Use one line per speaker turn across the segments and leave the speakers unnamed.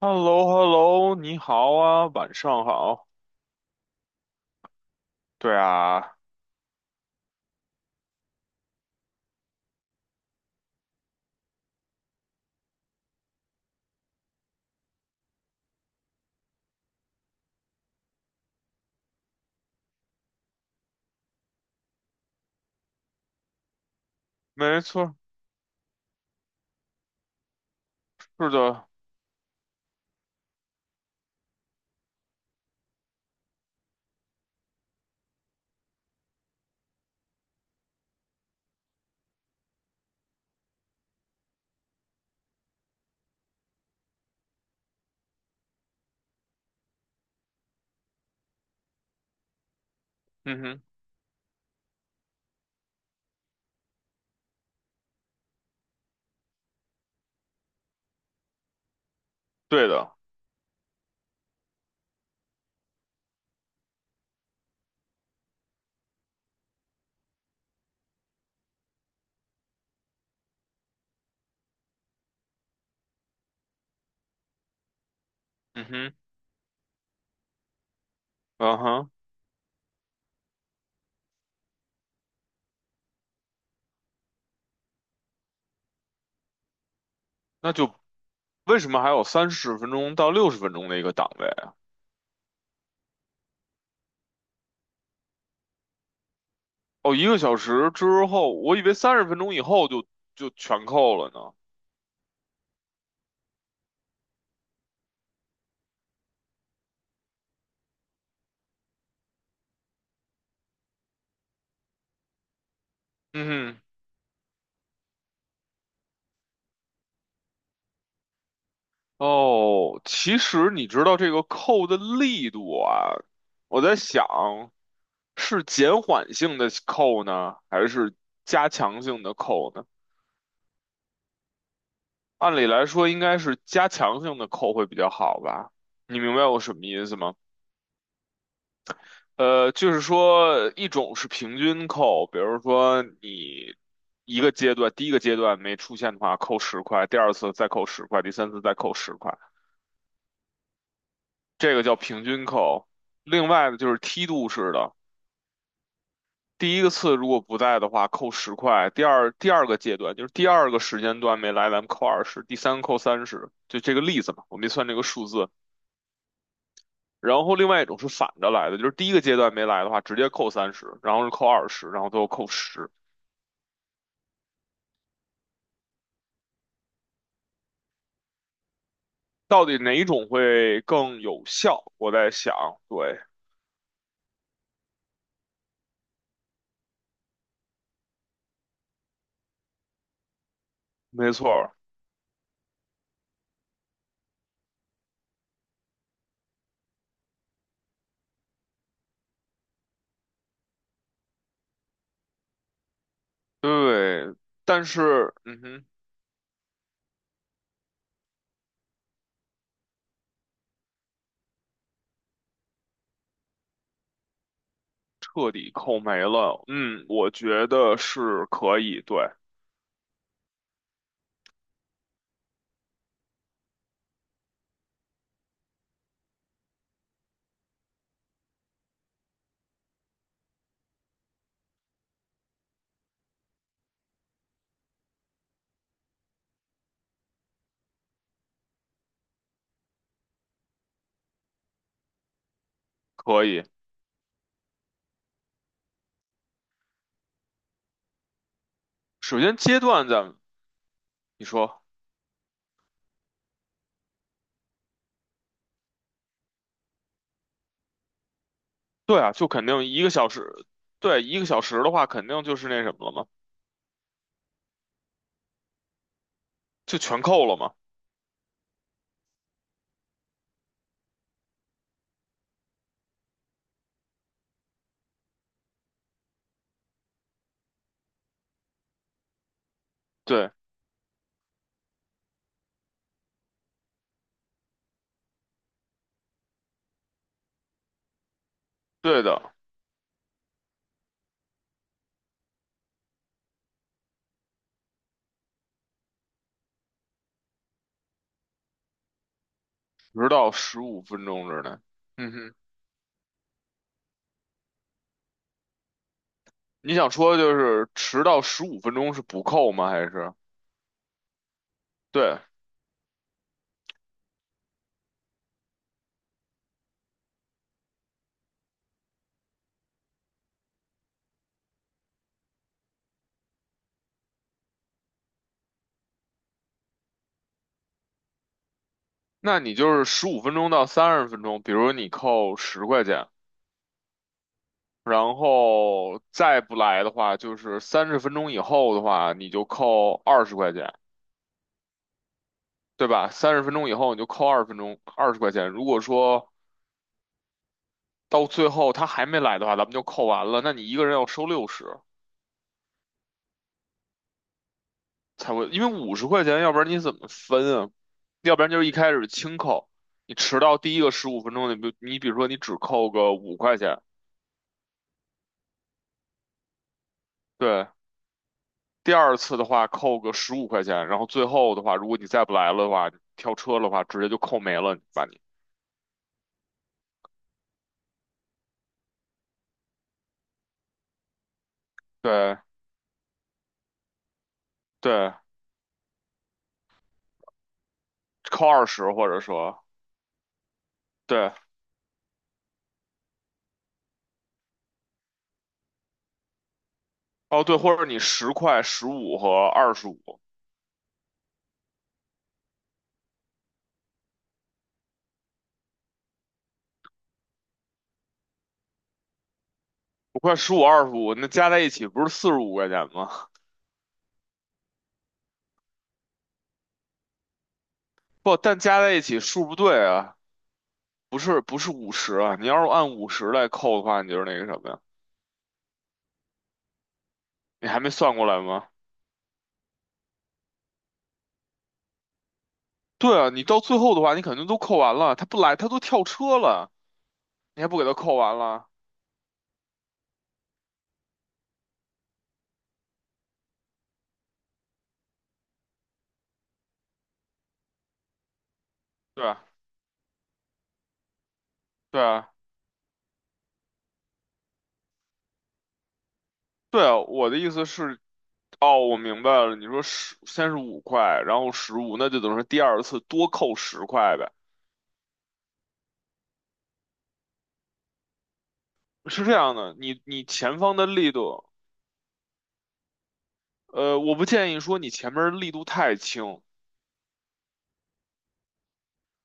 h e l l o h e l l o 你好啊，晚上好。对啊。没错。是的。嗯哼。对的。嗯哼。嗯哼。那就为什么还有30分钟到60分钟的一个档位啊？哦，一个小时之后，我以为三十分钟以后就全扣了呢。嗯哼。哦，其实你知道这个扣的力度啊，我在想是减缓性的扣呢，还是加强性的扣呢？按理来说应该是加强性的扣会比较好吧？你明白我什么意思吗？就是说一种是平均扣，比如说你一个阶段，第一个阶段没出现的话扣十块，第二次再扣十块，第三次再扣十块，这个叫平均扣。另外呢，就是梯度式的，第一个次如果不在的话扣十块，第二个阶段就是第二个时间段没来，咱们扣二十，第三个扣三十，就这个例子嘛，我没算这个数字。然后另外一种是反着来的，就是第一个阶段没来的话，直接扣三十，然后是扣二十，然后最后扣十。到底哪一种会更有效？我在想。对。没错儿。对。但是，嗯哼，彻底扣没了，嗯，我觉得是可以。对，可以。首先阶段咱们你说。对啊，就肯定一个小时。对，一个小时的话，肯定就是那什么了嘛，就全扣了嘛。对。对的。10到15分钟之内。嗯哼。你想说就是迟到十五分钟是不扣吗？还是对？那你就是15分钟到30分钟，比如你扣十块钱，然后再不来的话，就是三十分钟以后的话，你就扣二十块钱，对吧？三十分钟以后你就扣20分钟二十块钱。如果说到最后他还没来的话，咱们就扣完了，那你一个人要收六十。才会，因为50块钱，要不然你怎么分啊？要不然就是一开始轻扣，你迟到第一个十五分钟，你比如说你只扣个五块钱。对。第二次的话扣个十五块钱，然后最后的话，如果你再不来了的话，你跳车的话直接就扣没了，把你。对。对，扣二十或者说对。哦对，或者你10、15和25。5、15、25，那加在一起不是45块钱吗？不，但加在一起数不对啊，不是不是五十啊，你要是按五十来扣的话，你就是那个什么呀？你还没算过来吗？对啊，你到最后的话，你肯定都扣完了，他不来，他都跳车了，你还不给他扣完了？对啊。对啊。对啊，我的意思是，哦，我明白了，你说十先是五块，然后十五，那就等于说第二次多扣十块呗。是这样的，你前方的力度，我不建议说你前面力度太轻，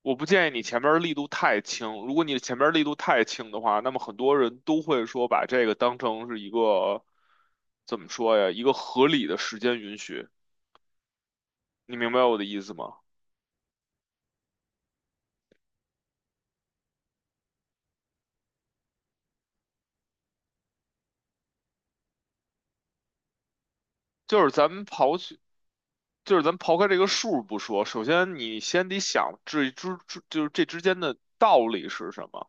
我不建议你前面儿力度太轻。如果你前面儿力度太轻的话，那么很多人都会说把这个当成是一个怎么说呀？一个合理的时间允许。你明白我的意思吗？就是咱们刨去，就是咱们刨开这个数不说，首先你先得想这就是这之间的道理是什么，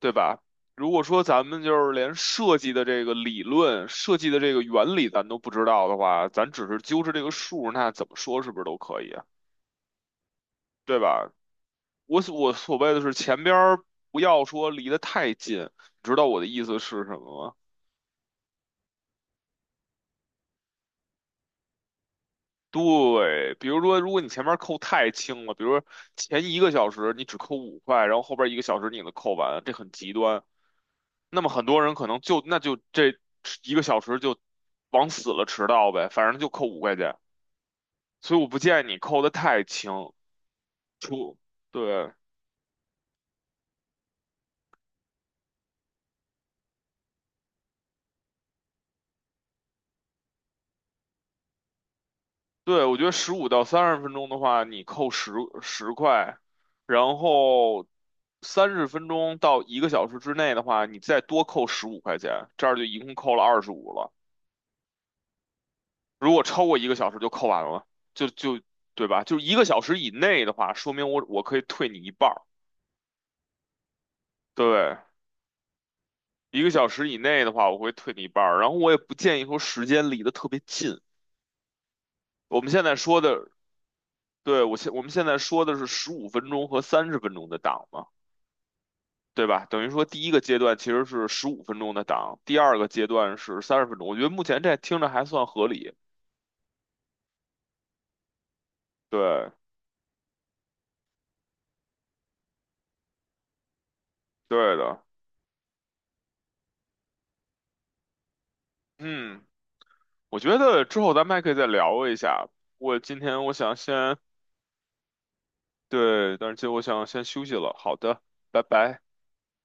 对吧？如果说咱们就是连设计的这个理论、设计的这个原理咱都不知道的话，咱只是揪着这个数，那怎么说是不是都可以啊对吧？我所谓的是前边儿不要说离得太近，你知道我的意思是什么吗？对，比如说，如果你前面扣太轻了，比如说前一个小时你只扣五块，然后后边一个小时你给它扣完，这很极端。那么很多人可能就那就这一个小时就往死了迟到呗，反正就扣五块钱。所以我不建议你扣得太轻。对。对，我觉得15到30分钟的话，你扣十块，然后三十分钟到一个小时之内的话，你再多扣十五块钱，这样就一共扣了二十五了。如果超过一个小时就扣完了，就就对吧？就是一个小时以内的话，说明我可以退你一半儿。对，一个小时以内的话，我会退你一半儿。然后我也不建议说时间离得特别近。我们现在说的，对，我们现在说的是15分钟和30分钟的档嘛。对吧？等于说第一个阶段其实是十五分钟的档，第二个阶段是三十分钟。我觉得目前这听着还算合理。对。对的。嗯，我觉得之后咱们还可以再聊一下。我今天我想先，对，但是今天我想先休息了。好的。拜拜。